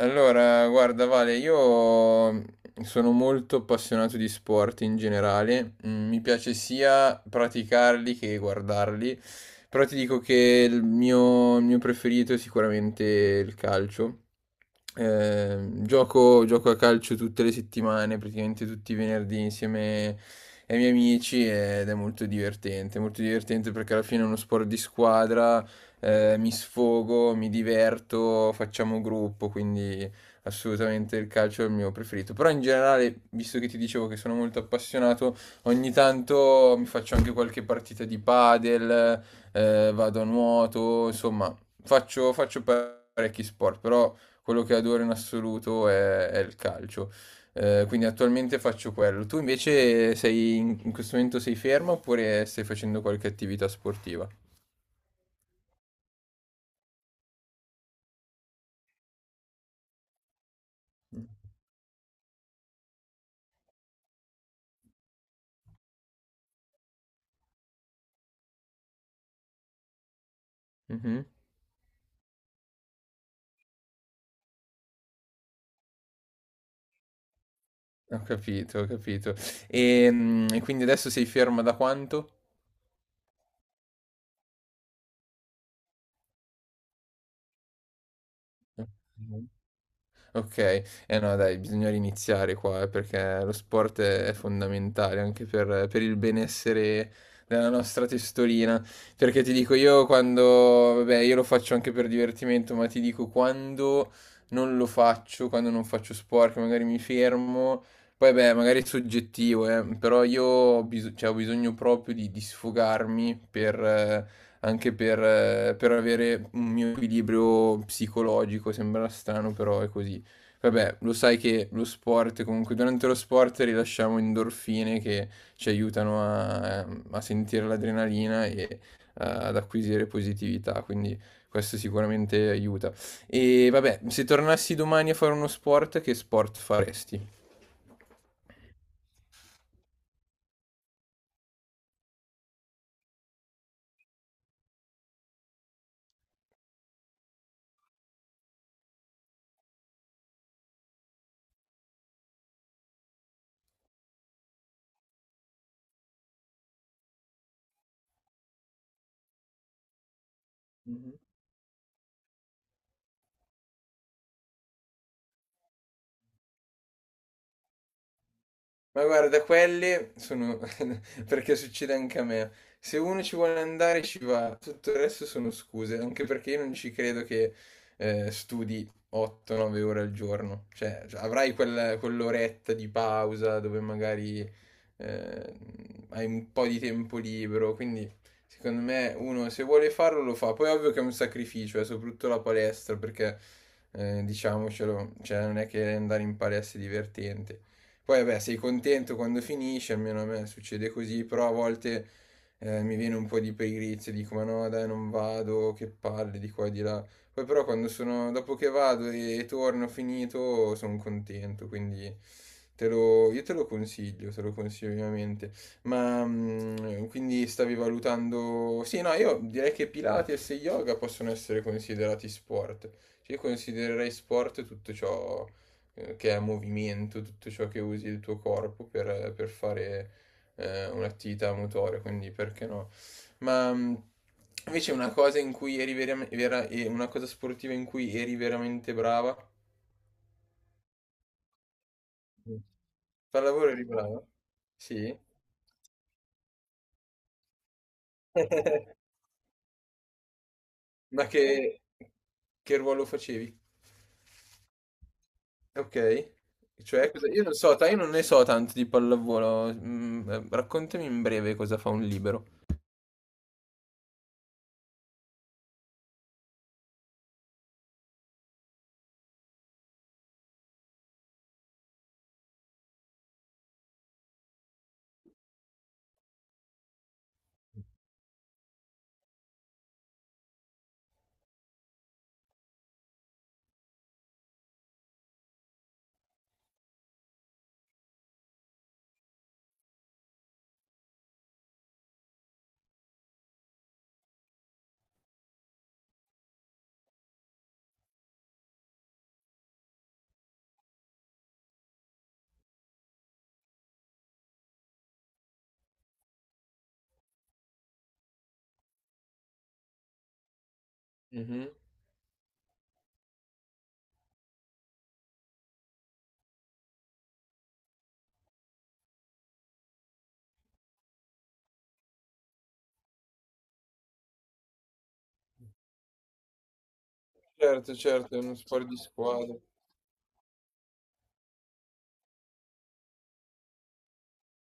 Allora, guarda Vale, io sono molto appassionato di sport in generale, Mm, mi piace sia praticarli che guardarli, però ti dico che il mio preferito è sicuramente il calcio. Gioco a calcio tutte le settimane, praticamente tutti i venerdì insieme ai miei amici ed è molto divertente perché alla fine è uno sport di squadra, mi sfogo, mi diverto, facciamo gruppo, quindi assolutamente il calcio è il mio preferito. Però in generale, visto che ti dicevo che sono molto appassionato, ogni tanto mi faccio anche qualche partita di padel, vado a nuoto, insomma, faccio parecchi sport, però quello che adoro in assoluto è il calcio. Quindi attualmente faccio quello. Tu invece sei in in questo momento sei fermo oppure stai facendo qualche attività sportiva? Mm. Mhm. Ho capito, ho capito. E quindi adesso sei ferma da quanto? Okay. Eh no dai, bisogna riniziare qua, perché lo sport è fondamentale anche per il benessere della nostra testolina. Perché ti dico io quando vabbè, io lo faccio anche per divertimento, ma ti dico quando non lo faccio, quando non faccio sport, che magari mi fermo, poi beh, magari è soggettivo, però io ho bisogno proprio di sfogarmi per, anche per, per avere un mio equilibrio psicologico. Sembra strano, però è così. Vabbè, lo sai che lo sport, comunque durante lo sport rilasciamo endorfine che ci aiutano a sentire l'adrenalina e, ad acquisire positività, quindi questo sicuramente aiuta. E vabbè, se tornassi domani a fare uno sport, che sport faresti? Mhm. Ma guarda, quelle sono perché succede anche a me. Se uno ci vuole andare ci va, tutto il resto sono scuse, anche perché io non ci credo che, studi 8-9 ore al giorno. Cioè, avrai quell'oretta di pausa dove magari, eh, hai un po' di tempo libero, quindi secondo me uno se vuole farlo lo fa. Poi è ovvio che è un sacrificio, soprattutto la palestra, perché, diciamocelo, cioè non è che andare in palestra è divertente. Poi vabbè, sei contento quando finisce, almeno a me succede così, però a volte, mi viene un po' di pigrizia, dico ma no dai non vado, che palle di qua e di là. Poi però quando sono, dopo che vado e torno finito, sono contento, quindi io te lo consiglio ovviamente. Ma mm, quindi stavi valutando... Sì, no, io direi che Pilates e yoga possono essere considerati sport. Cioè, io considererei sport tutto ciò, che è movimento, tutto ciò che usi il tuo corpo per fare, un'attività motoria, quindi perché no? Ma invece una cosa in cui una cosa sportiva in cui eri veramente brava? Mm. Pallavolo eri brava? Sì. Ma che ruolo facevi? Ok. Cioè, io non so, io non ne so tanto di pallavolo. Mm, raccontami in breve cosa fa un libero. Certo, certo, è uno sport di squadra.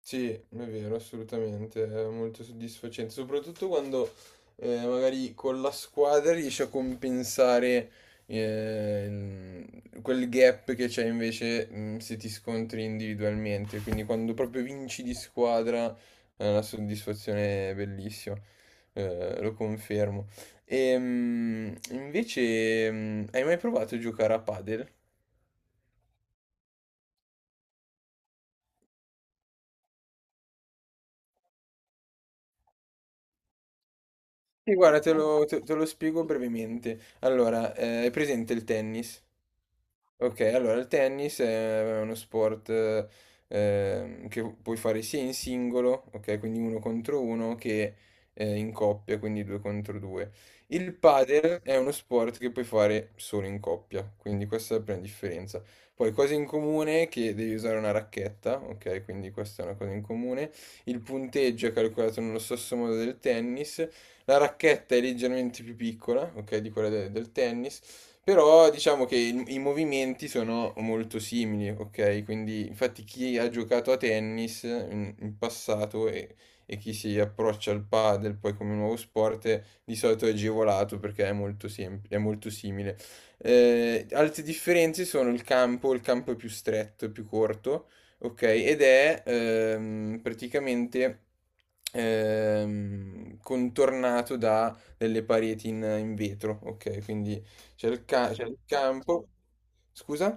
Sì, è vero, assolutamente, è molto soddisfacente, soprattutto quando, magari con la squadra riesci a compensare, quel gap che c'è invece mm, se ti scontri individualmente, quindi quando proprio vinci di squadra è una soddisfazione bellissima, lo confermo. E, invece, mm, hai mai provato a giocare a padel? Sì, guarda, te lo spiego brevemente. Allora, è presente il tennis? Ok, allora il tennis è uno sport, che puoi fare sia in singolo, ok, quindi uno contro uno, che, in coppia, quindi due contro due. Il padel è uno sport che puoi fare solo in coppia, quindi questa è la prima differenza. Poi cose in comune è che devi usare una racchetta, ok, quindi questa è una cosa in comune. Il punteggio è calcolato nello stesso modo del tennis. La racchetta è leggermente più piccola, ok, di del tennis. Però diciamo che i movimenti sono molto simili, ok? Quindi infatti chi ha giocato a tennis in passato e chi si approccia al padel poi come nuovo sport, di solito è agevolato perché è molto, è molto simile. Altre differenze sono il campo è più stretto, è più corto, ok? Ed è contornato da delle pareti in vetro, ok? Quindi c'è il campo, scusa,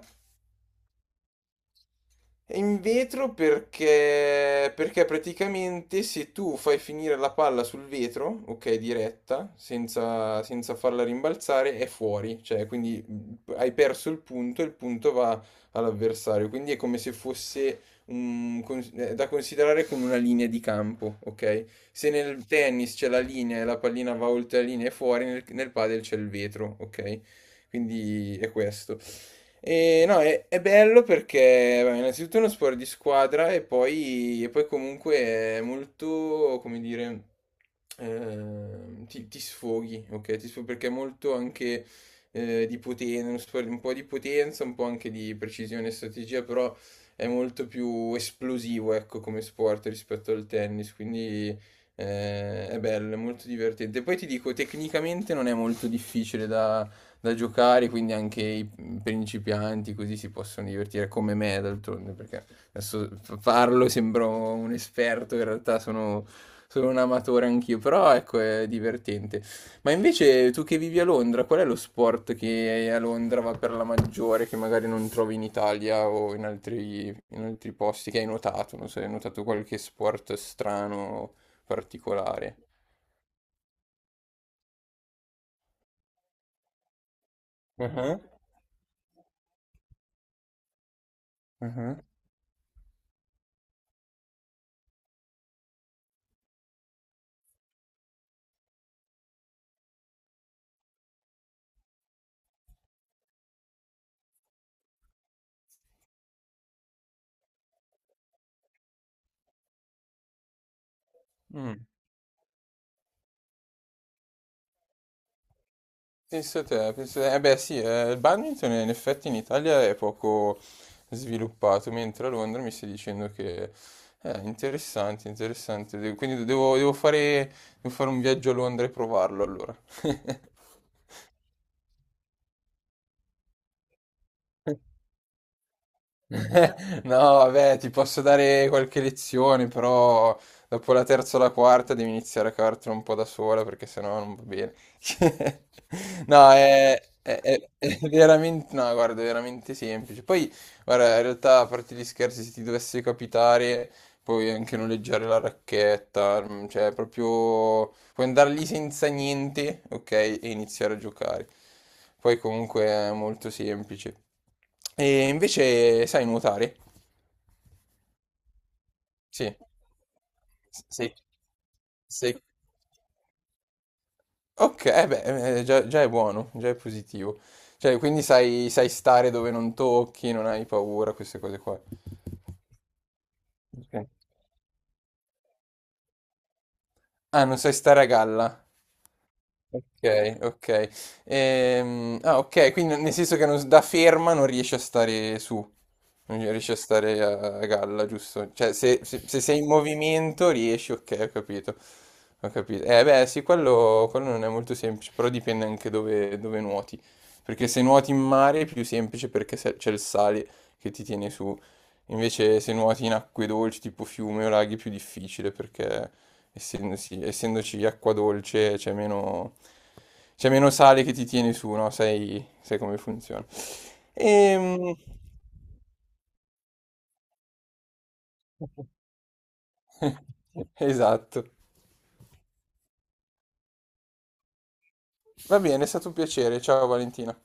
è in vetro perché, perché praticamente se tu fai finire la palla sul vetro, ok, diretta, senza farla rimbalzare, è fuori, cioè quindi hai perso il punto e il punto va all'avversario, quindi è come se fosse è da considerare come una linea di campo, ok? Se nel tennis c'è la linea e la pallina va oltre la linea e fuori, nel padel c'è il vetro, ok? Quindi è questo. E no, è bello perché vabbè, innanzitutto è uno sport di squadra e poi comunque è molto, come dire, ti sfoghi, ok? Ti sfoghi perché è molto anche, di potenza, uno sport un po' di potenza, un po' anche di precisione e strategia, però è molto più esplosivo, ecco, come sport rispetto al tennis, quindi, è bello, è molto divertente. Poi ti dico, tecnicamente non è molto difficile da giocare, quindi anche i principianti così si possono divertire come me d'altronde, perché adesso parlo, sembro un esperto, in realtà sono un amatore anch'io, però ecco è divertente. Ma invece tu che vivi a Londra, qual è lo sport che a Londra va per la maggiore, che magari non trovi in Italia o in altri posti, che hai notato? Non so, hai notato qualche sport strano, particolare? Ah, ah, ah. Mm. Penso te, penso te. Eh beh sì, il badminton in effetti in Italia è poco sviluppato, mentre a Londra mi stai dicendo che è interessante, interessante. Quindi devo fare un viaggio a Londra e provarlo allora. No, vabbè, ti posso dare qualche lezione, però dopo la terza o la quarta devi iniziare a cavartela un po' da sola perché sennò non va bene. No, è veramente, no, guarda, è veramente semplice. Poi, guarda, in realtà, a parte gli scherzi, se ti dovesse capitare puoi anche noleggiare la racchetta, mm, cioè proprio puoi andare lì senza niente, ok, e iniziare a giocare. Poi comunque è molto semplice. E invece sai nuotare? Sì, sei, sei... Ok, già, già è buono, già è positivo. Cioè, quindi sai, sai stare dove non tocchi, non hai paura, queste cose qua. Ah, non sai stare a galla. Ok, ok. Ok, quindi nel senso che da ferma non riesci a stare su, non riesci a stare a galla, giusto? Cioè, se sei in movimento riesci, ok, ho capito. Ho capito. Beh, sì, quello non è molto semplice, però dipende anche dove nuoti. Perché se nuoti in mare è più semplice perché c'è il sale che ti tiene su. Invece se nuoti in acque dolci tipo fiume o laghi è più difficile perché essendoci acqua dolce c'è meno sale che ti tiene su, no? Sai, sai come funziona. Ehm, Esatto. Va bene, è stato un piacere. Ciao Valentina.